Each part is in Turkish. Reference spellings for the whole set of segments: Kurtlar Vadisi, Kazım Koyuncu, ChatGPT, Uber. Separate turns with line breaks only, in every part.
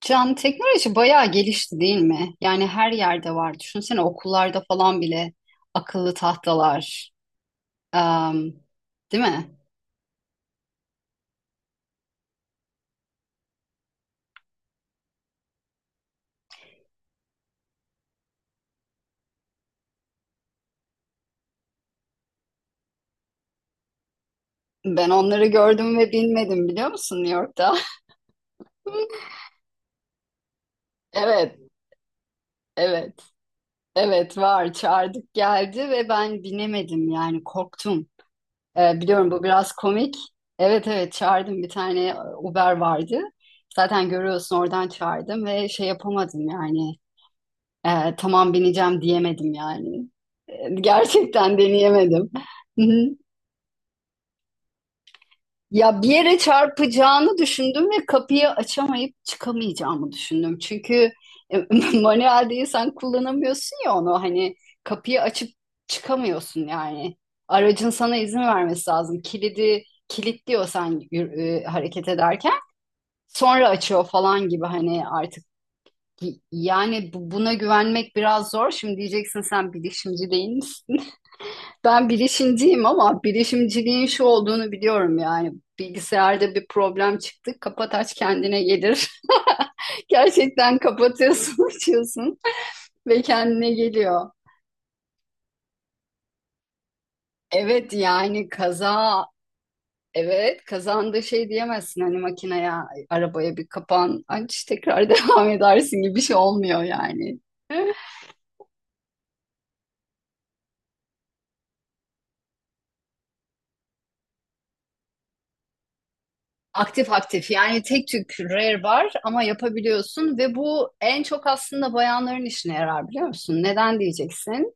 Can, teknoloji bayağı gelişti değil mi? Yani her yerde var. Düşünsene okullarda falan bile akıllı tahtalar. Em, değil mi? Ben onları gördüm ve bilmedim biliyor musun New York'ta? Evet, evet, evet var. Çağırdık geldi ve ben binemedim yani korktum. Biliyorum bu biraz komik. Evet evet çağırdım bir tane Uber vardı. Zaten görüyorsun oradan çağırdım ve şey yapamadım yani. Tamam bineceğim diyemedim yani. Gerçekten deneyemedim. Hı hı. Ya bir yere çarpacağını düşündüm ve kapıyı açamayıp çıkamayacağımı düşündüm. Çünkü e, manuel sen kullanamıyorsun ya onu hani kapıyı açıp çıkamıyorsun yani. Aracın sana izin vermesi lazım. Kilidi kilitliyor sen hareket ederken. Sonra açıyor falan gibi hani artık yani buna güvenmek biraz zor. Şimdi diyeceksin sen bilişimci değil. Ben bilişimciyim ama bilişimciliğin şu olduğunu biliyorum yani. Bilgisayarda bir problem çıktı. Kapat aç kendine gelir. Gerçekten kapatıyorsun, açıyorsun ve kendine geliyor. Evet yani kazanda şey diyemezsin hani makineye arabaya bir kapan aç tekrar devam edersin gibi bir şey olmuyor yani. Aktif aktif yani tek tük rare var ama yapabiliyorsun ve bu en çok aslında bayanların işine yarar biliyor musun? Neden diyeceksin?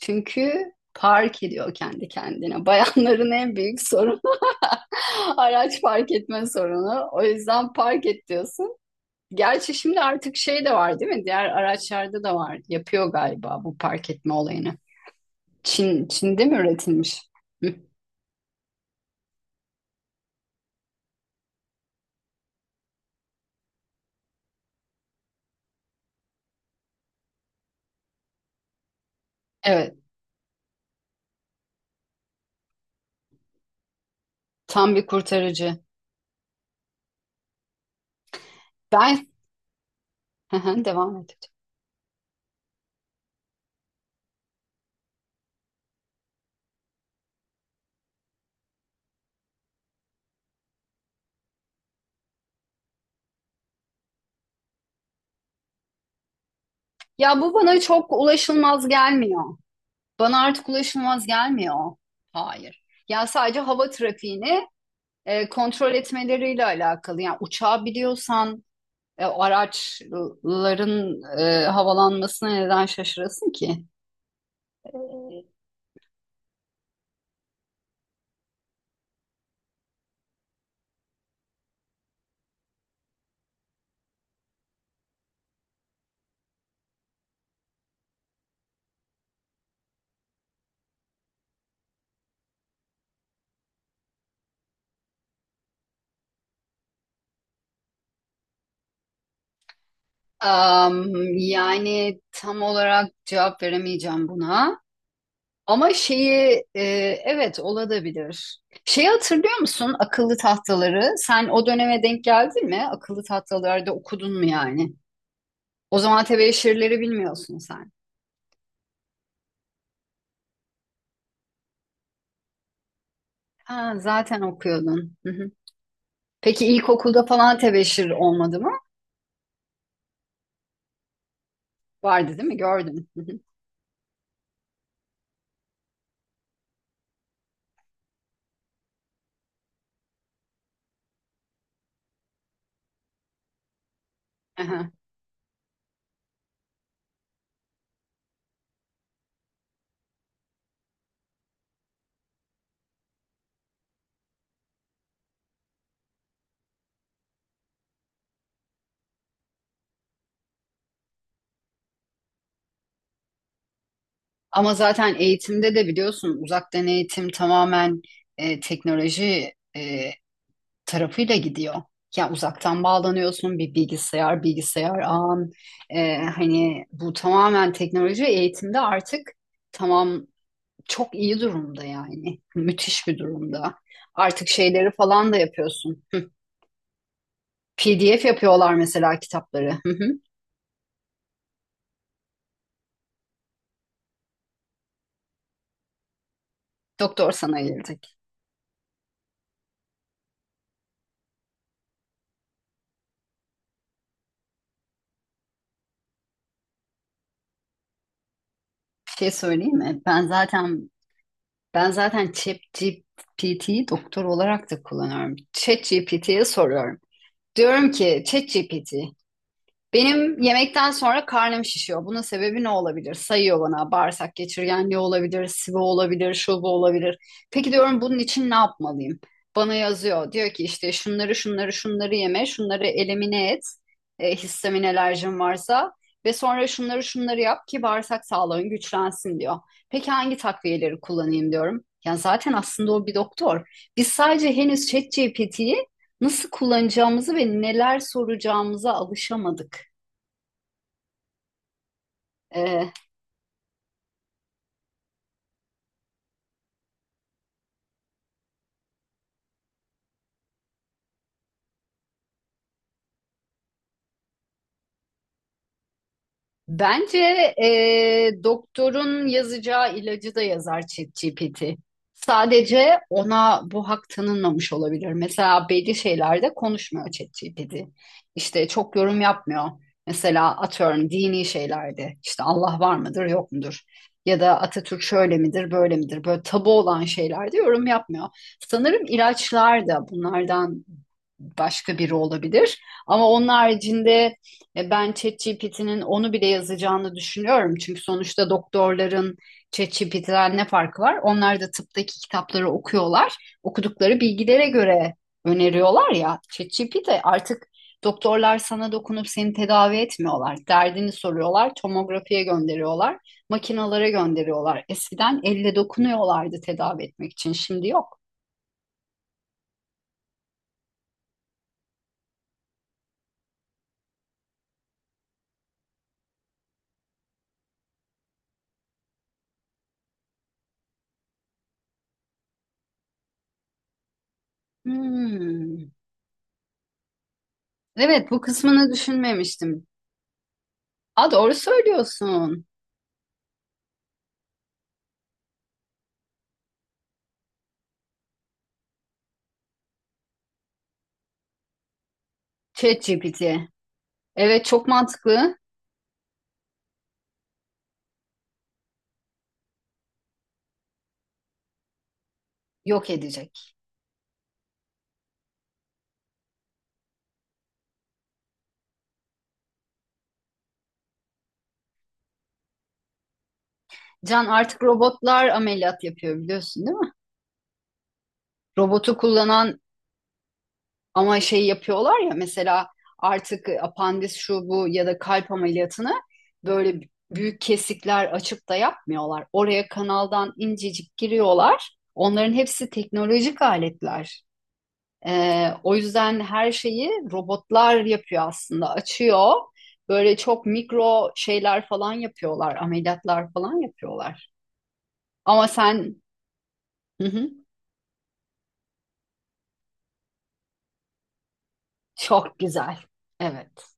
Çünkü park ediyor kendi kendine. Bayanların en büyük sorunu araç park etme sorunu. O yüzden park et diyorsun. Gerçi şimdi artık şey de var değil mi? Diğer araçlarda da var. Yapıyor galiba bu park etme olayını. Çin'de mi üretilmiş? Hı. Evet, tam bir kurtarıcı. Ben hı hı, devam et. Ya bu bana çok ulaşılmaz gelmiyor. Bana artık ulaşılmaz gelmiyor. Hayır. Ya sadece hava trafiğini kontrol etmeleriyle alakalı. Yani uçağı biliyorsan araçların havalanmasına neden şaşırasın ki? Am, yani tam olarak cevap veremeyeceğim buna. Ama evet olabilir. Şeyi hatırlıyor musun akıllı tahtaları? Sen o döneme denk geldin mi? Akıllı tahtalarda okudun mu yani? O zaman tebeşirleri bilmiyorsun sen. Ha, zaten okuyordun. Hı hı. Peki ilkokulda falan tebeşir olmadı mı? Vardı değil mi? Gördüm. Hı hı. Aha. Ama zaten eğitimde de biliyorsun uzaktan eğitim tamamen teknoloji tarafıyla gidiyor. Ya uzaktan bağlanıyorsun bir bilgisayar ağın. Hani bu tamamen teknoloji eğitimde artık tamam çok iyi durumda yani. Müthiş bir durumda. Artık şeyleri falan da yapıyorsun. Hı. PDF yapıyorlar mesela kitapları. Hı hı. Doktor sana gelecek. Bir şey söyleyeyim mi? Ben zaten ChatGPT'yi doktor olarak da kullanıyorum. ChatGPT'ye soruyorum. Diyorum ki ChatGPT, benim yemekten sonra karnım şişiyor. Bunun sebebi ne olabilir? Sayıyor bana bağırsak geçirgenliği olabilir, sıvı olabilir, şu bu olabilir. Peki diyorum bunun için ne yapmalıyım? Bana yazıyor. Diyor ki işte şunları şunları şunları yeme, şunları elimine et. Histamin alerjin varsa ve sonra şunları şunları yap ki bağırsak sağlığın güçlensin diyor. Peki hangi takviyeleri kullanayım diyorum. Yani zaten aslında o bir doktor. Biz sadece henüz ChatGPT'yi nasıl kullanacağımızı ve neler soracağımıza alışamadık. Ee, bence doktorun yazacağı ilacı da yazar ChatGPT. Sadece ona bu hak tanınmamış olabilir. Mesela belli şeylerde konuşmuyor ChatGPT. İşte çok yorum yapmıyor. Mesela atıyorum dini şeylerde işte Allah var mıdır yok mudur? Ya da Atatürk şöyle midir böyle midir? Böyle tabu olan şeylerde yorum yapmıyor. Sanırım ilaçlar da bunlardan başka biri olabilir. Ama onun haricinde ben ChatGPT'nin onu bile yazacağını düşünüyorum. Çünkü sonuçta doktorların ChatGPT'den ne farkı var? Onlar da tıptaki kitapları okuyorlar. Okudukları bilgilere göre öneriyorlar ya. ChatGPT artık doktorlar sana dokunup seni tedavi etmiyorlar. Derdini soruyorlar, tomografiye gönderiyorlar, makinalara gönderiyorlar. Eskiden elle dokunuyorlardı tedavi etmek için. Şimdi yok. Hmm. Evet, bu kısmını düşünmemiştim. Aa, doğru söylüyorsun. ChatGPT. Evet çok mantıklı. Yok edecek. Can, artık robotlar ameliyat yapıyor biliyorsun değil mi? Robotu kullanan ama şey yapıyorlar ya mesela artık apandis şu bu ya da kalp ameliyatını böyle büyük kesikler açıp da yapmıyorlar. Oraya kanaldan incecik giriyorlar. Onların hepsi teknolojik aletler. O yüzden her şeyi robotlar yapıyor aslında. Açıyor. Böyle çok mikro şeyler falan yapıyorlar. Ameliyatlar falan yapıyorlar. Ama sen hı hı, çok güzel. Evet.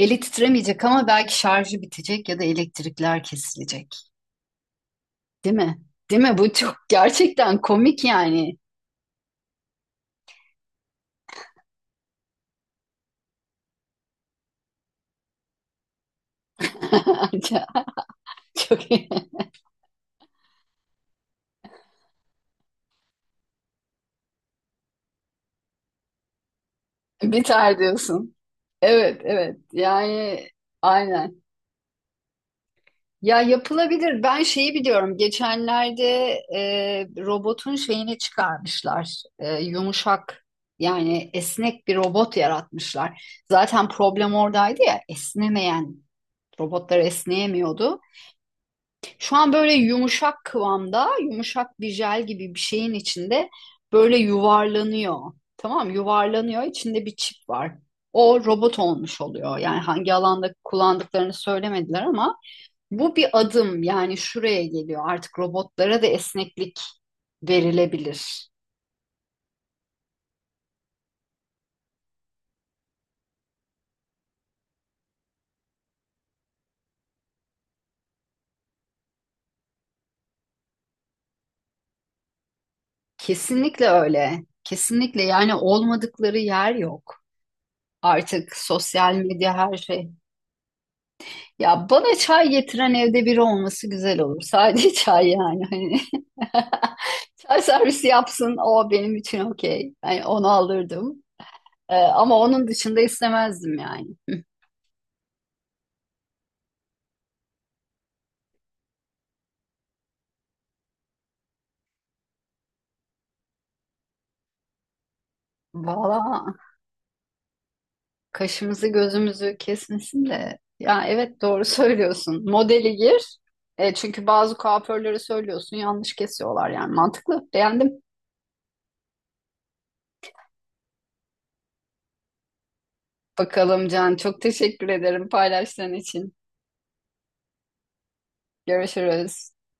Eli titremeyecek ama belki şarjı bitecek ya da elektrikler kesilecek. Değil mi? Değil mi? Bu çok gerçekten komik yani. Çok iyi. Biter diyorsun. Evet, evet. Yani aynen. Ya yapılabilir. Ben şeyi biliyorum. Geçenlerde e, robotun şeyini çıkarmışlar. Yumuşak yani esnek bir robot yaratmışlar. Zaten problem oradaydı ya esnemeyen robotlar esneyemiyordu. Şu an böyle yumuşak kıvamda, yumuşak bir jel gibi bir şeyin içinde böyle yuvarlanıyor. Tamam, yuvarlanıyor. İçinde bir çip var. O robot olmuş oluyor. Yani hangi alanda kullandıklarını söylemediler ama bu bir adım yani şuraya geliyor. Artık robotlara da esneklik verilebilir. Kesinlikle öyle. Kesinlikle yani olmadıkları yer yok. Artık sosyal medya her şey. Ya bana çay getiren evde biri olması güzel olur. Sadece çay yani. Hani çay servisi yapsın o benim için okey. Yani onu alırdım. Ama onun dışında istemezdim yani. Valla kaşımızı gözümüzü kesmesin de. Ya evet doğru söylüyorsun. Modeli gir. Çünkü bazı kuaförlere söylüyorsun yanlış kesiyorlar yani. Mantıklı. Beğendim. Bakalım Can, çok teşekkür ederim paylaştığın için. Görüşürüz.